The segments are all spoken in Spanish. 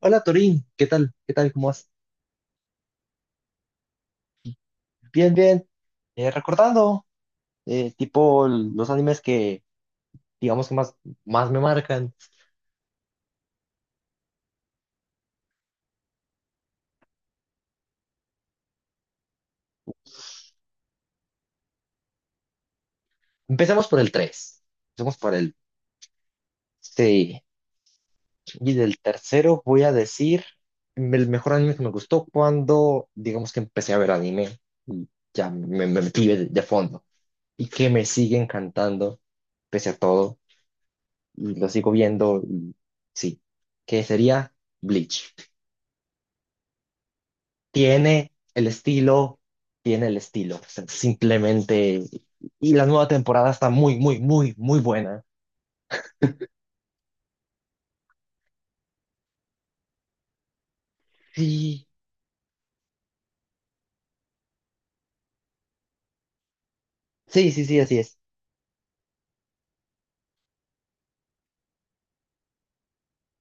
Hola Torín, ¿qué tal? ¿Qué tal? ¿Cómo vas? Bien, bien. Recordando, tipo los animes que, digamos que más, más me marcan. Empecemos por el 3. Empecemos por el... Sí. Y del tercero voy a decir el mejor anime que me gustó cuando, digamos que empecé a ver anime. Y ya me metí de fondo. Y que me sigue encantando, pese a todo. Y lo sigo viendo. Y sí. Que sería Bleach. Tiene el estilo, tiene el estilo. O sea, simplemente. Y la nueva temporada está muy, muy, muy, muy buena. Sí, sí, sí, sí, así es.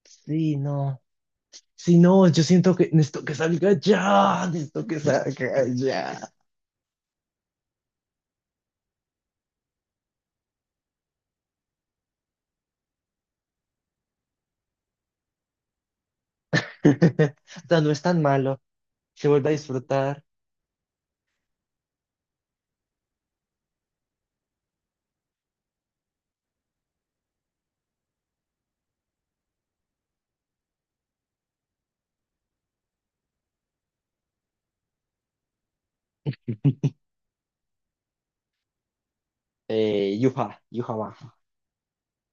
Sí, no. Sí, no, yo siento que necesito que salga ya. Necesito que salga ya. O sea, no es tan malo. Se vuelve a disfrutar. Yuha Baja,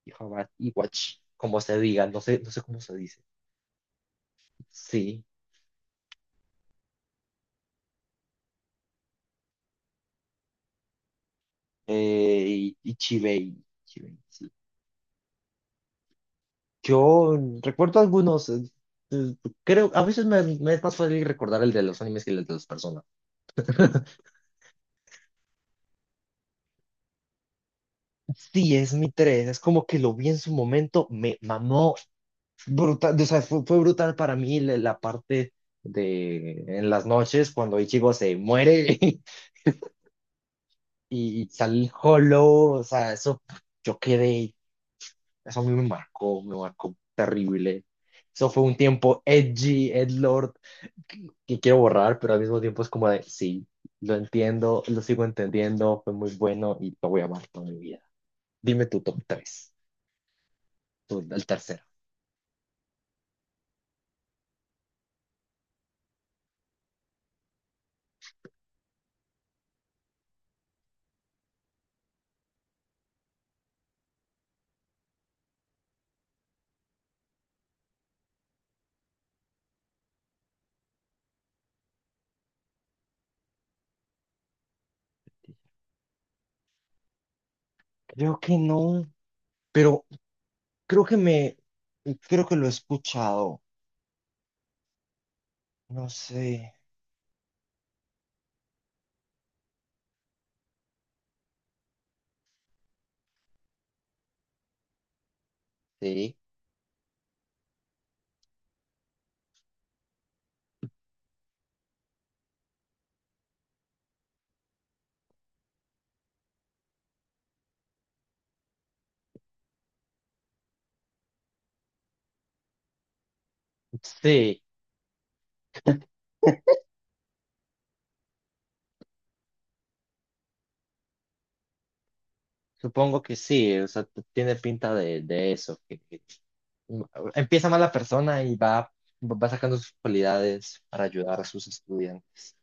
Yuha Baja, Iwatch, como se diga. No sé, no sé cómo se dice. Sí. Y Chibei. Chibei, sí. Yo recuerdo algunos, eh, creo, a veces me es más fácil recordar el de los animes que el de las personas. Sí, es mi 3, es como que lo vi en su momento, me mamó brutal, o sea, fue brutal para mí la parte de en las noches cuando Ichigo se muere y sale Hollow, o sea, eso yo quedé, eso a mí me marcó terrible. Eso fue un tiempo edgy, edgelord, que quiero borrar, pero al mismo tiempo es como de, sí, lo entiendo, lo sigo entendiendo, fue muy bueno y lo voy a amar toda mi vida. Dime tu top tres, tu, el tercero. Creo que no, pero creo que creo que lo he escuchado. No sé. Sí, sí, supongo que sí, o sea, tiene pinta de eso, que mm, empieza mal la persona y va, va sacando sus cualidades para ayudar a sus estudiantes.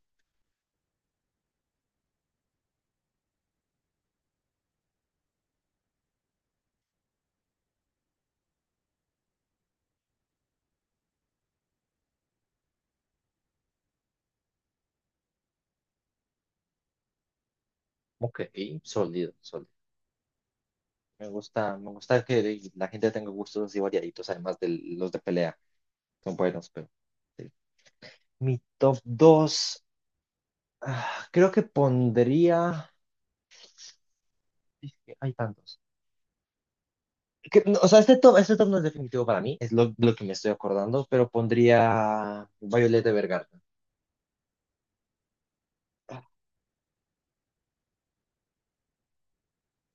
Ok, sólido, sólido. Me gusta que la gente tenga gustos así variaditos, además de los de pelea. Son buenos, pero sí. Mi top 2, creo que pondría. Es que hay tantos. No, o sea, este top no es definitivo para mí, es lo que me estoy acordando, pero pondría Violet Evergarden.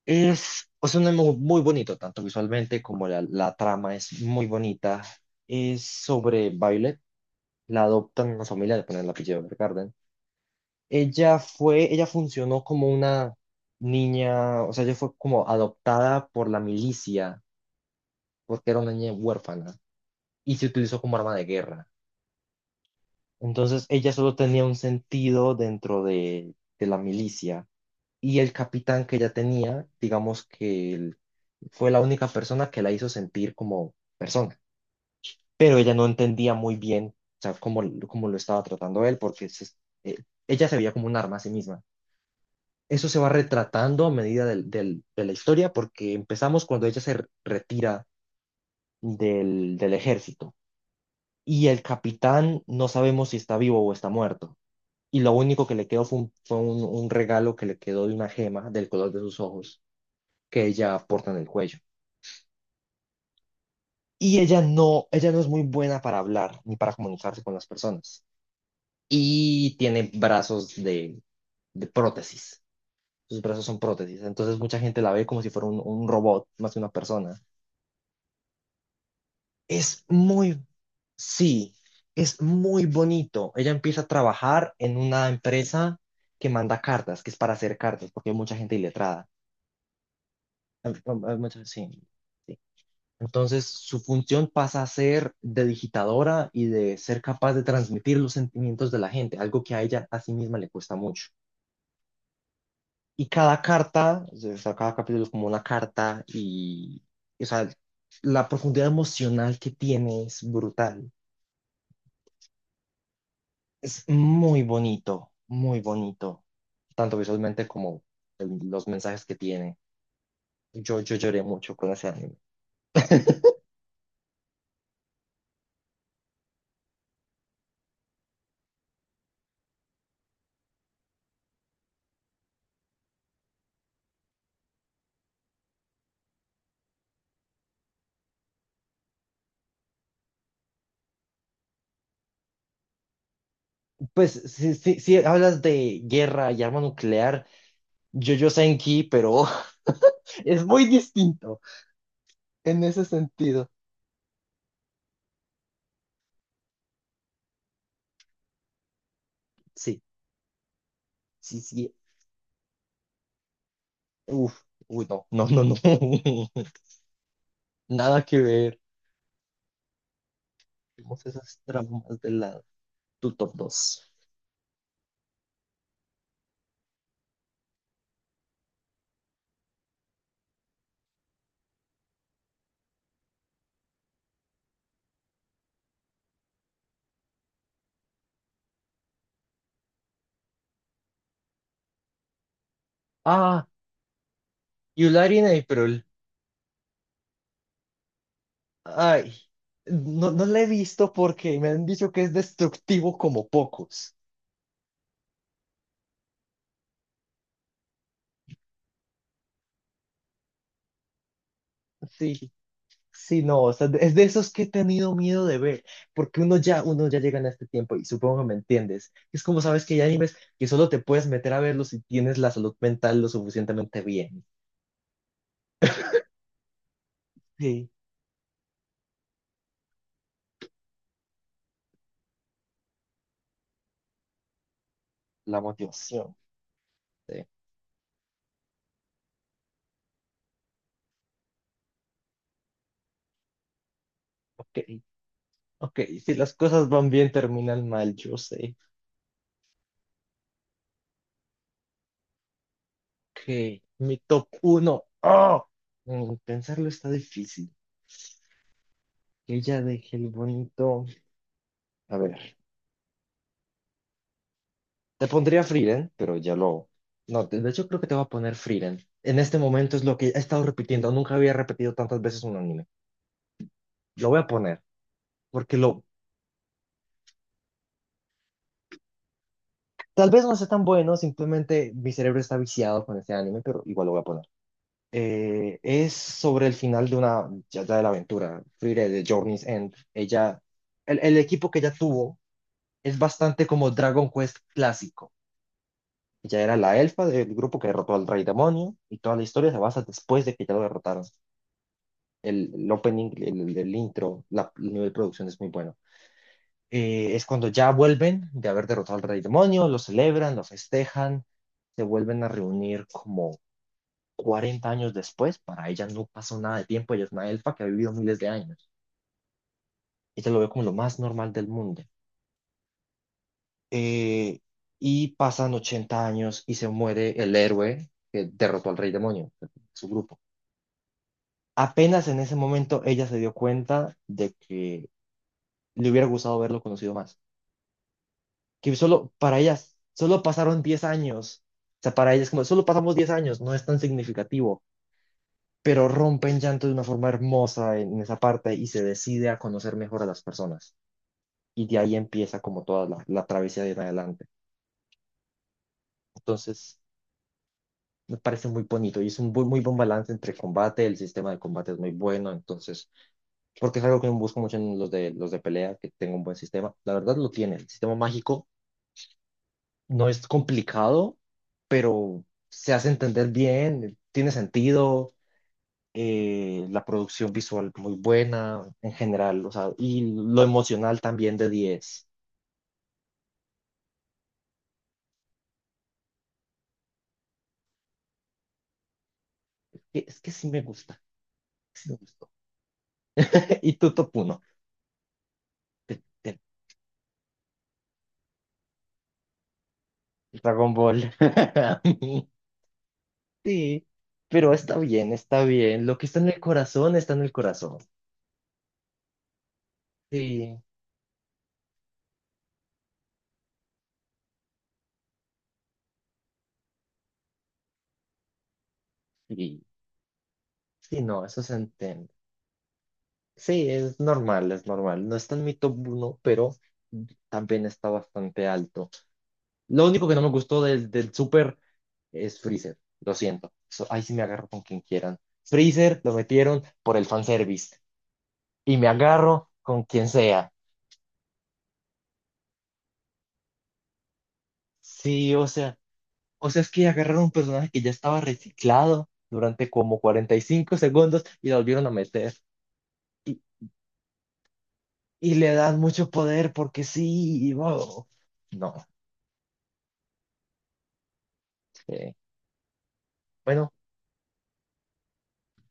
Es, o sea, un anime muy bonito, tanto visualmente como la trama es muy bonita. Es sobre Violet, la adoptan una familia, le ponen el apellido Evergarden. Ella funcionó como una niña, o sea, ella fue como adoptada por la milicia, porque era una niña huérfana, y se utilizó como arma de guerra. Entonces, ella solo tenía un sentido dentro de la milicia, y el capitán que ella tenía, digamos que él fue la única persona que la hizo sentir como persona, pero ella no entendía muy bien, o sea, cómo, cómo lo estaba tratando él, porque eh, ella se veía como un arma a sí misma. Eso se va retratando a medida de la historia porque empezamos cuando ella se retira del, del ejército y el capitán no sabemos si está vivo o está muerto. Y lo único que le quedó fue un regalo que le quedó de una gema del color de sus ojos que ella porta en el cuello. Y ella no es muy buena para hablar ni para comunicarse con las personas. Y tiene brazos de prótesis. Sus brazos son prótesis. Entonces mucha gente la ve como si fuera un robot más que una persona. Es muy, sí, es muy bonito. Ella empieza a trabajar en una empresa que manda cartas, que es para hacer cartas, porque hay mucha gente iletrada. Hay- sí, sí. Entonces, su función pasa a ser de digitadora y de ser capaz de transmitir los sentimientos de la gente, algo que a ella a sí misma le cuesta mucho. Y cada carta, o sea, cada capítulo es como una carta y, o sea, la profundidad emocional que tiene es brutal. Es muy bonito, tanto visualmente como los mensajes que tiene. Yo lloré mucho con ese anime. Pues si, si, si hablas de guerra y arma nuclear, JoJo Senki, pero es muy distinto en ese sentido. Sí, sí, sí. Uf, uy, no, no, no, no. Nada que ver. Tenemos esas tramas de lado. Tu top 2. Ah, Yulari en April. Ay, no, no la he visto porque me han dicho que es destructivo como pocos. Sí, sí, no, o sea, es de esos que he tenido miedo de ver, porque uno ya llega en este tiempo y supongo que me entiendes. Es como sabes que hay animes que solo te puedes meter a verlos si tienes la salud mental lo suficientemente bien. Sí, la motivación. Sí. Ok, ok, si las cosas van bien terminan mal, yo sé. Ok, mi top uno. ¡Oh! Pensarlo está difícil. Que ella deje el bonito. A ver, te pondría Frieren, pero ya lo. No, de hecho creo que te voy a poner Frieren. En este momento es lo que he estado repitiendo. Nunca había repetido tantas veces un anime. Lo voy a poner, porque lo. Tal vez no sea tan bueno, simplemente mi cerebro está viciado con este anime, pero igual lo voy a poner. Es sobre el final de una. Ya, ya de la aventura. Frieren de Journey's End. Ella. El equipo que ella tuvo es bastante como Dragon Quest clásico. Ella era la elfa del grupo que derrotó al rey demonio y toda la historia se basa después de que ya lo derrotaron. El opening, el intro, el nivel de producción es muy bueno. Es cuando ya vuelven de haber derrotado al rey demonio, lo celebran, lo festejan, se vuelven a reunir como 40 años después. Para ella no pasó nada de tiempo, ella es una elfa que ha vivido miles de años. Ella lo ve como lo más normal del mundo. Eh, y pasan 80 años y se muere el héroe que derrotó al rey demonio, su grupo. Apenas en ese momento ella se dio cuenta de que le hubiera gustado verlo conocido más. Que solo para ellas, solo pasaron 10 años. O sea, para ellas como, solo pasamos 10 años, no es tan significativo, pero rompen llanto de una forma hermosa en esa parte y se decide a conocer mejor a las personas. Y de ahí empieza como toda la travesía de en adelante. Entonces, me parece muy bonito y es un muy buen balance entre combate, el sistema de combate es muy bueno, entonces porque es algo que busco mucho en los de pelea, que tenga un buen sistema. La verdad lo tiene. El sistema mágico no es complicado, pero se hace entender bien, tiene sentido, la producción visual muy buena en general, o sea, y lo emocional también de 10. Es que sí me gusta, sí me gustó. Y tu top 1, de Dragon Ball. Sí, pero está bien, está bien. Lo que está en el corazón está en el corazón. Sí. Sí. Sí, no, eso se entiende. Sí, es normal, es normal. No está en mi top 1, pero también está bastante alto. Lo único que no me gustó del, del Super es Freezer. Lo siento. Ahí sí me agarro con quien quieran. Freezer lo metieron por el fanservice. Y me agarro con quien sea. Sí, o sea, es que agarraron un personaje que ya estaba reciclado durante como 45 segundos y lo volvieron a meter. Y, y le dan mucho poder porque sí, y wow. No. Eh, bueno,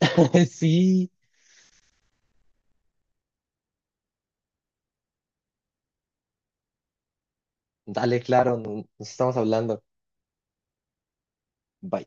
sí, dale, claro, nos estamos hablando. Bye.